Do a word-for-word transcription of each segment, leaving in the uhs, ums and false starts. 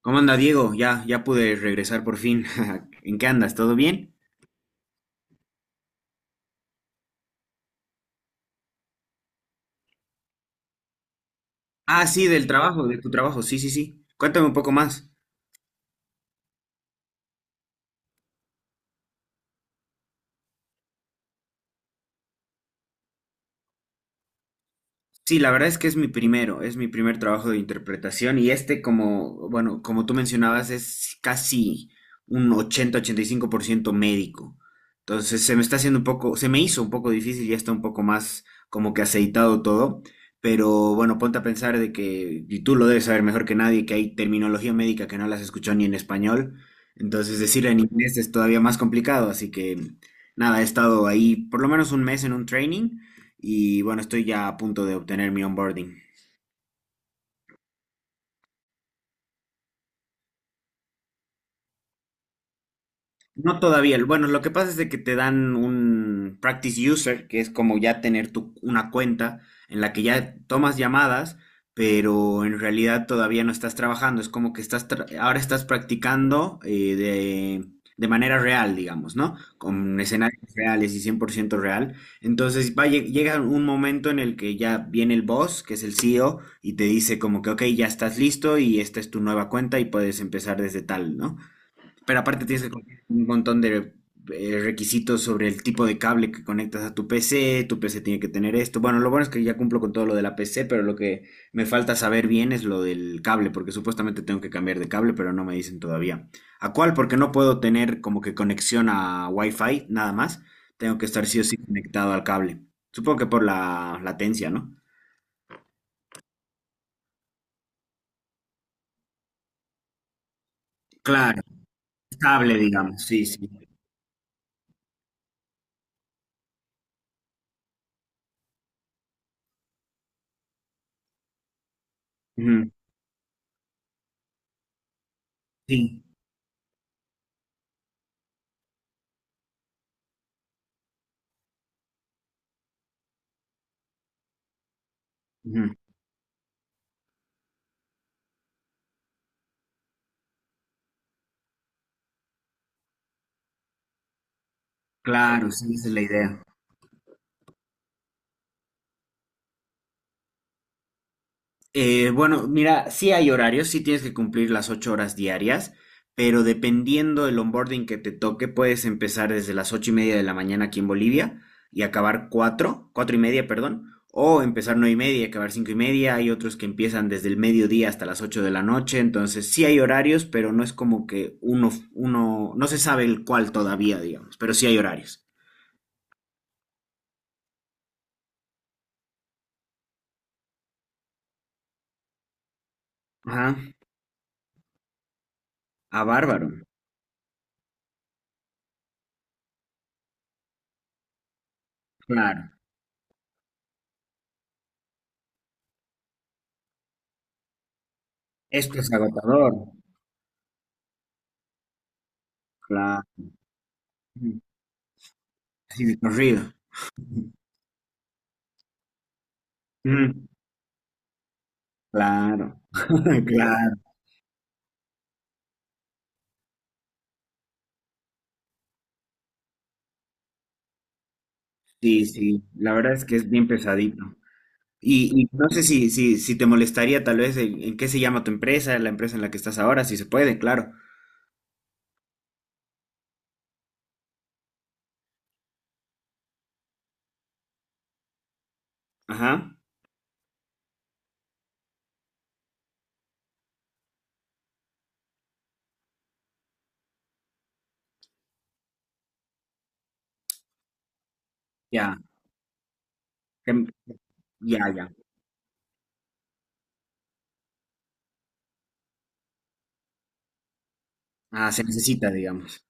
¿Cómo anda Diego? Ya, ya pude regresar por fin. ¿En qué andas? ¿Todo bien? Ah, sí, del trabajo, de tu trabajo. Sí, sí, sí. Cuéntame un poco más. Sí, la verdad es que es mi primero, es mi primer trabajo de interpretación y este como, bueno, como tú mencionabas, es casi un ochenta, ochenta y cinco por ciento médico. Entonces se me está haciendo un poco, se me hizo un poco difícil, ya está un poco más como que aceitado todo, pero bueno, ponte a pensar de que, y tú lo debes saber mejor que nadie, que hay terminología médica que no las escuchado ni en español, entonces decirla en inglés es todavía más complicado, así que nada, he estado ahí por lo menos un mes en un training y bueno, estoy ya a punto de obtener mi onboarding. No todavía. Bueno, lo que pasa es de que te dan un practice user, que es como ya tener tu, una cuenta en la que ya tomas llamadas, pero en realidad todavía no estás trabajando. Es como que estás tra- ahora estás practicando eh, de, de manera real, digamos, ¿no? Con escenarios reales y cien por ciento real. Entonces va, a lle- llega un momento en el que ya viene el boss, que es el C E O, y te dice como que, ok, ya estás listo y esta es tu nueva cuenta y puedes empezar desde tal, ¿no? Pero aparte tienes que cumplir un montón de eh, requisitos sobre el tipo de cable que conectas a tu P C, tu P C tiene que tener esto. Bueno, lo bueno es que ya cumplo con todo lo de la P C, pero lo que me falta saber bien es lo del cable, porque supuestamente tengo que cambiar de cable, pero no me dicen todavía. ¿A cuál? Porque no puedo tener como que conexión a Wi-Fi, nada más. Tengo que estar sí o sí conectado al cable. Supongo que por la latencia, ¿no? Claro, estable, digamos, sí, sí. Ujú, sí, ujú, claro, sí, esa es la idea. Eh, bueno, mira, sí hay horarios, sí tienes que cumplir las ocho horas diarias, pero dependiendo del onboarding que te toque, puedes empezar desde las ocho y media de la mañana aquí en Bolivia y acabar cuatro, cuatro y media, perdón, o empezar nueve y media y acabar cinco y media. Hay otros que empiezan desde el mediodía hasta las ocho de la noche, entonces sí hay horarios, pero no es como que uno, uno, no se sabe el cuál todavía, digamos, pero sí hay horarios. Ajá, a bárbaro, claro. Esto es agotador, claro. Sí, de corrido. Mm, claro, claro, sí, sí, la verdad es que es bien pesadito. Y, y no sé si, si, si, te molestaría tal vez en, en qué se llama tu empresa, la empresa en la que estás ahora, si se puede, claro. Ajá, ya, em, ya, ya. Ah, se necesita, digamos.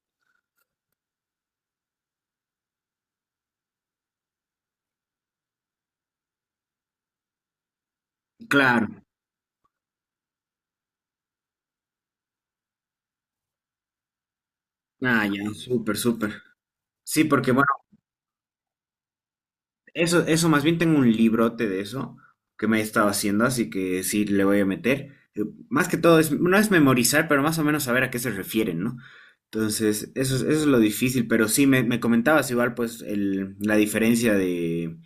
Claro. Ah, ya, súper, súper. Sí, porque Eso, eso, más bien tengo un librote de eso que me he estado haciendo, así que sí le voy a meter. Eh, Más que todo, es, no es memorizar, pero más o menos saber a qué se refieren, ¿no? Entonces, eso, es- eso es lo difícil, pero sí me, me, comentabas igual, pues el, la diferencia de,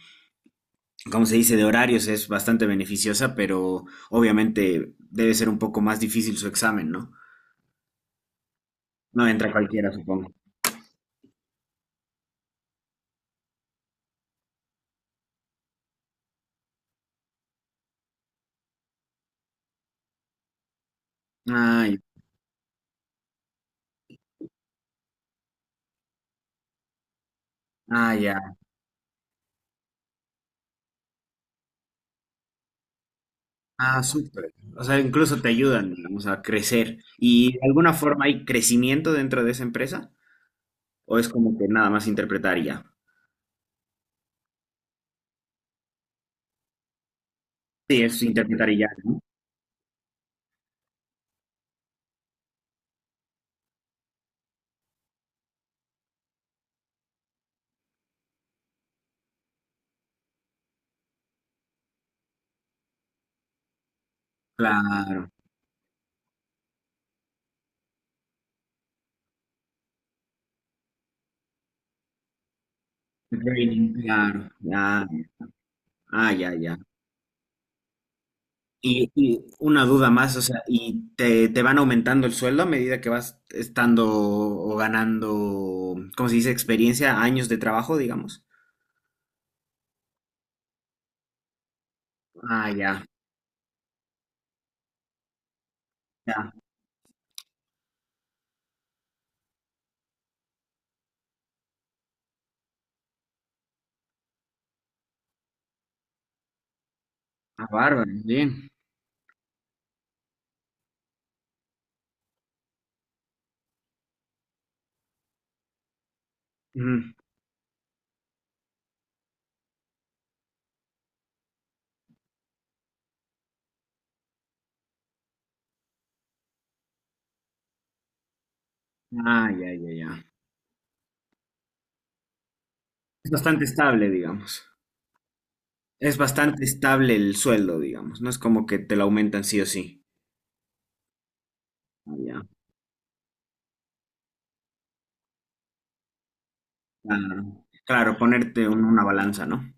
¿cómo se dice?, de horarios es bastante beneficiosa, pero obviamente debe ser un poco más difícil su examen, ¿no? No entra cualquiera, supongo. Ay, ay. Ah, súper. O sea, incluso te ayudan, digamos, a crecer. ¿Y de alguna forma hay crecimiento dentro de esa empresa? ¿O es como que nada más interpretar y ya? Sí, es interpretar y ya, ¿no? Claro. Training, claro. Ya. Ah, ya, ya. Y, y una duda más, o sea, ¿y te, te van aumentando el sueldo a medida que vas estando o ganando, ¿cómo se dice? Experiencia, años de trabajo, digamos. Ah, ya, ya. Ah, bárbaro, bien. Ujú. Ah, ya, ya, ya. Es bastante estable, digamos. Es bastante estable el sueldo, digamos. No es como que te lo aumentan sí o sí. Ah, ya. Claro, claro, ponerte un- una balanza, ¿no?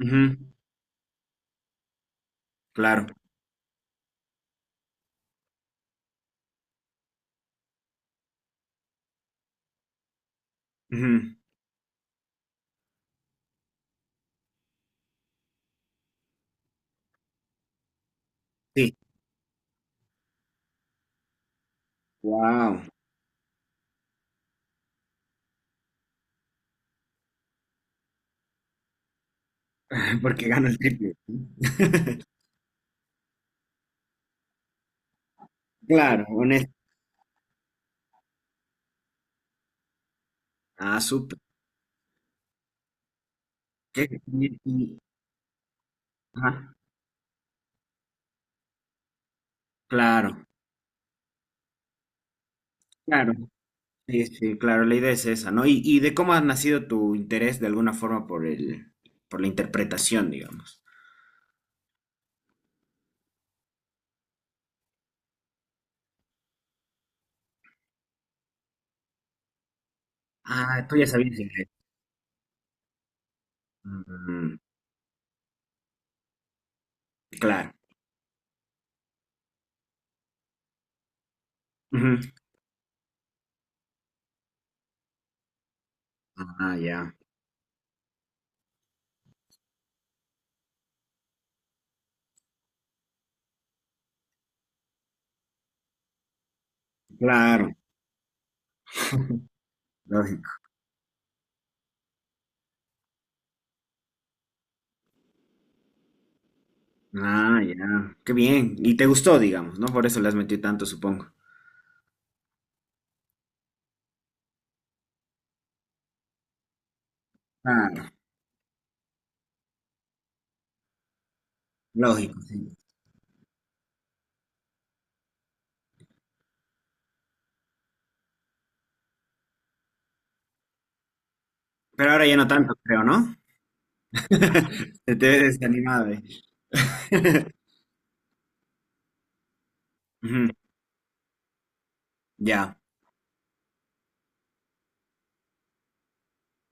Ujú, claro. Ujú, sí. Wow. Porque gano el triple, ¿no? Claro, honesto. Ah, súper. ¿Qué? Y- y- ajá, claro, claro. Sí, sí, claro, la idea es esa, ¿no? Y, y de cómo ha nacido tu interés de alguna forma por el, por la interpretación, digamos. Ah, tú ya sabías inglés. Mm, claro. Ujú. Ah, ya. Claro, lógico. Ah, ya. Qué bien. Y te gustó, digamos, ¿no? Por eso le has metido tanto, supongo. Claro, lógico, sí. Pero ahora ya no tanto, creo, ¿no? Se te ve desanimado, eh. Ujú, ya,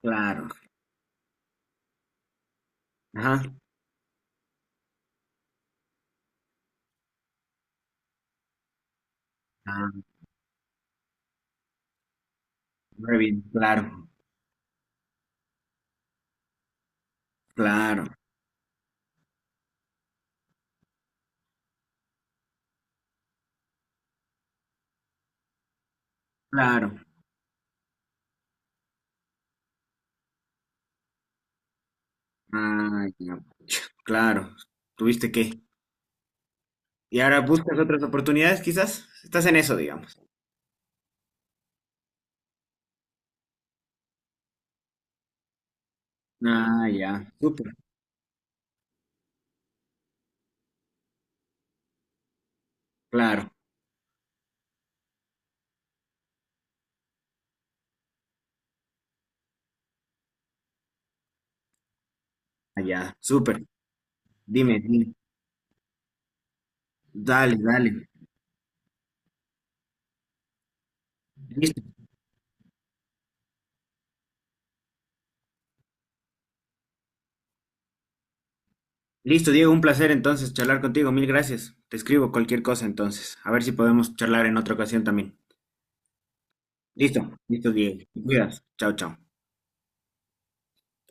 claro. Ajá. Ah, muy bien, claro, claro, claro. Ah, ya, claro. ¿Tuviste qué? ¿Y ahora buscas otras oportunidades, quizás? Estás en eso, digamos. Ah, ya, súper, claro. Ah, ya, súper. Dime, dime. Dale, dale. Listo, listo, Diego, un placer entonces charlar contigo. Mil gracias. Te escribo cualquier cosa entonces. A ver si podemos charlar en otra ocasión también. Listo, listo, Diego. Te cuidas. Chao, chao.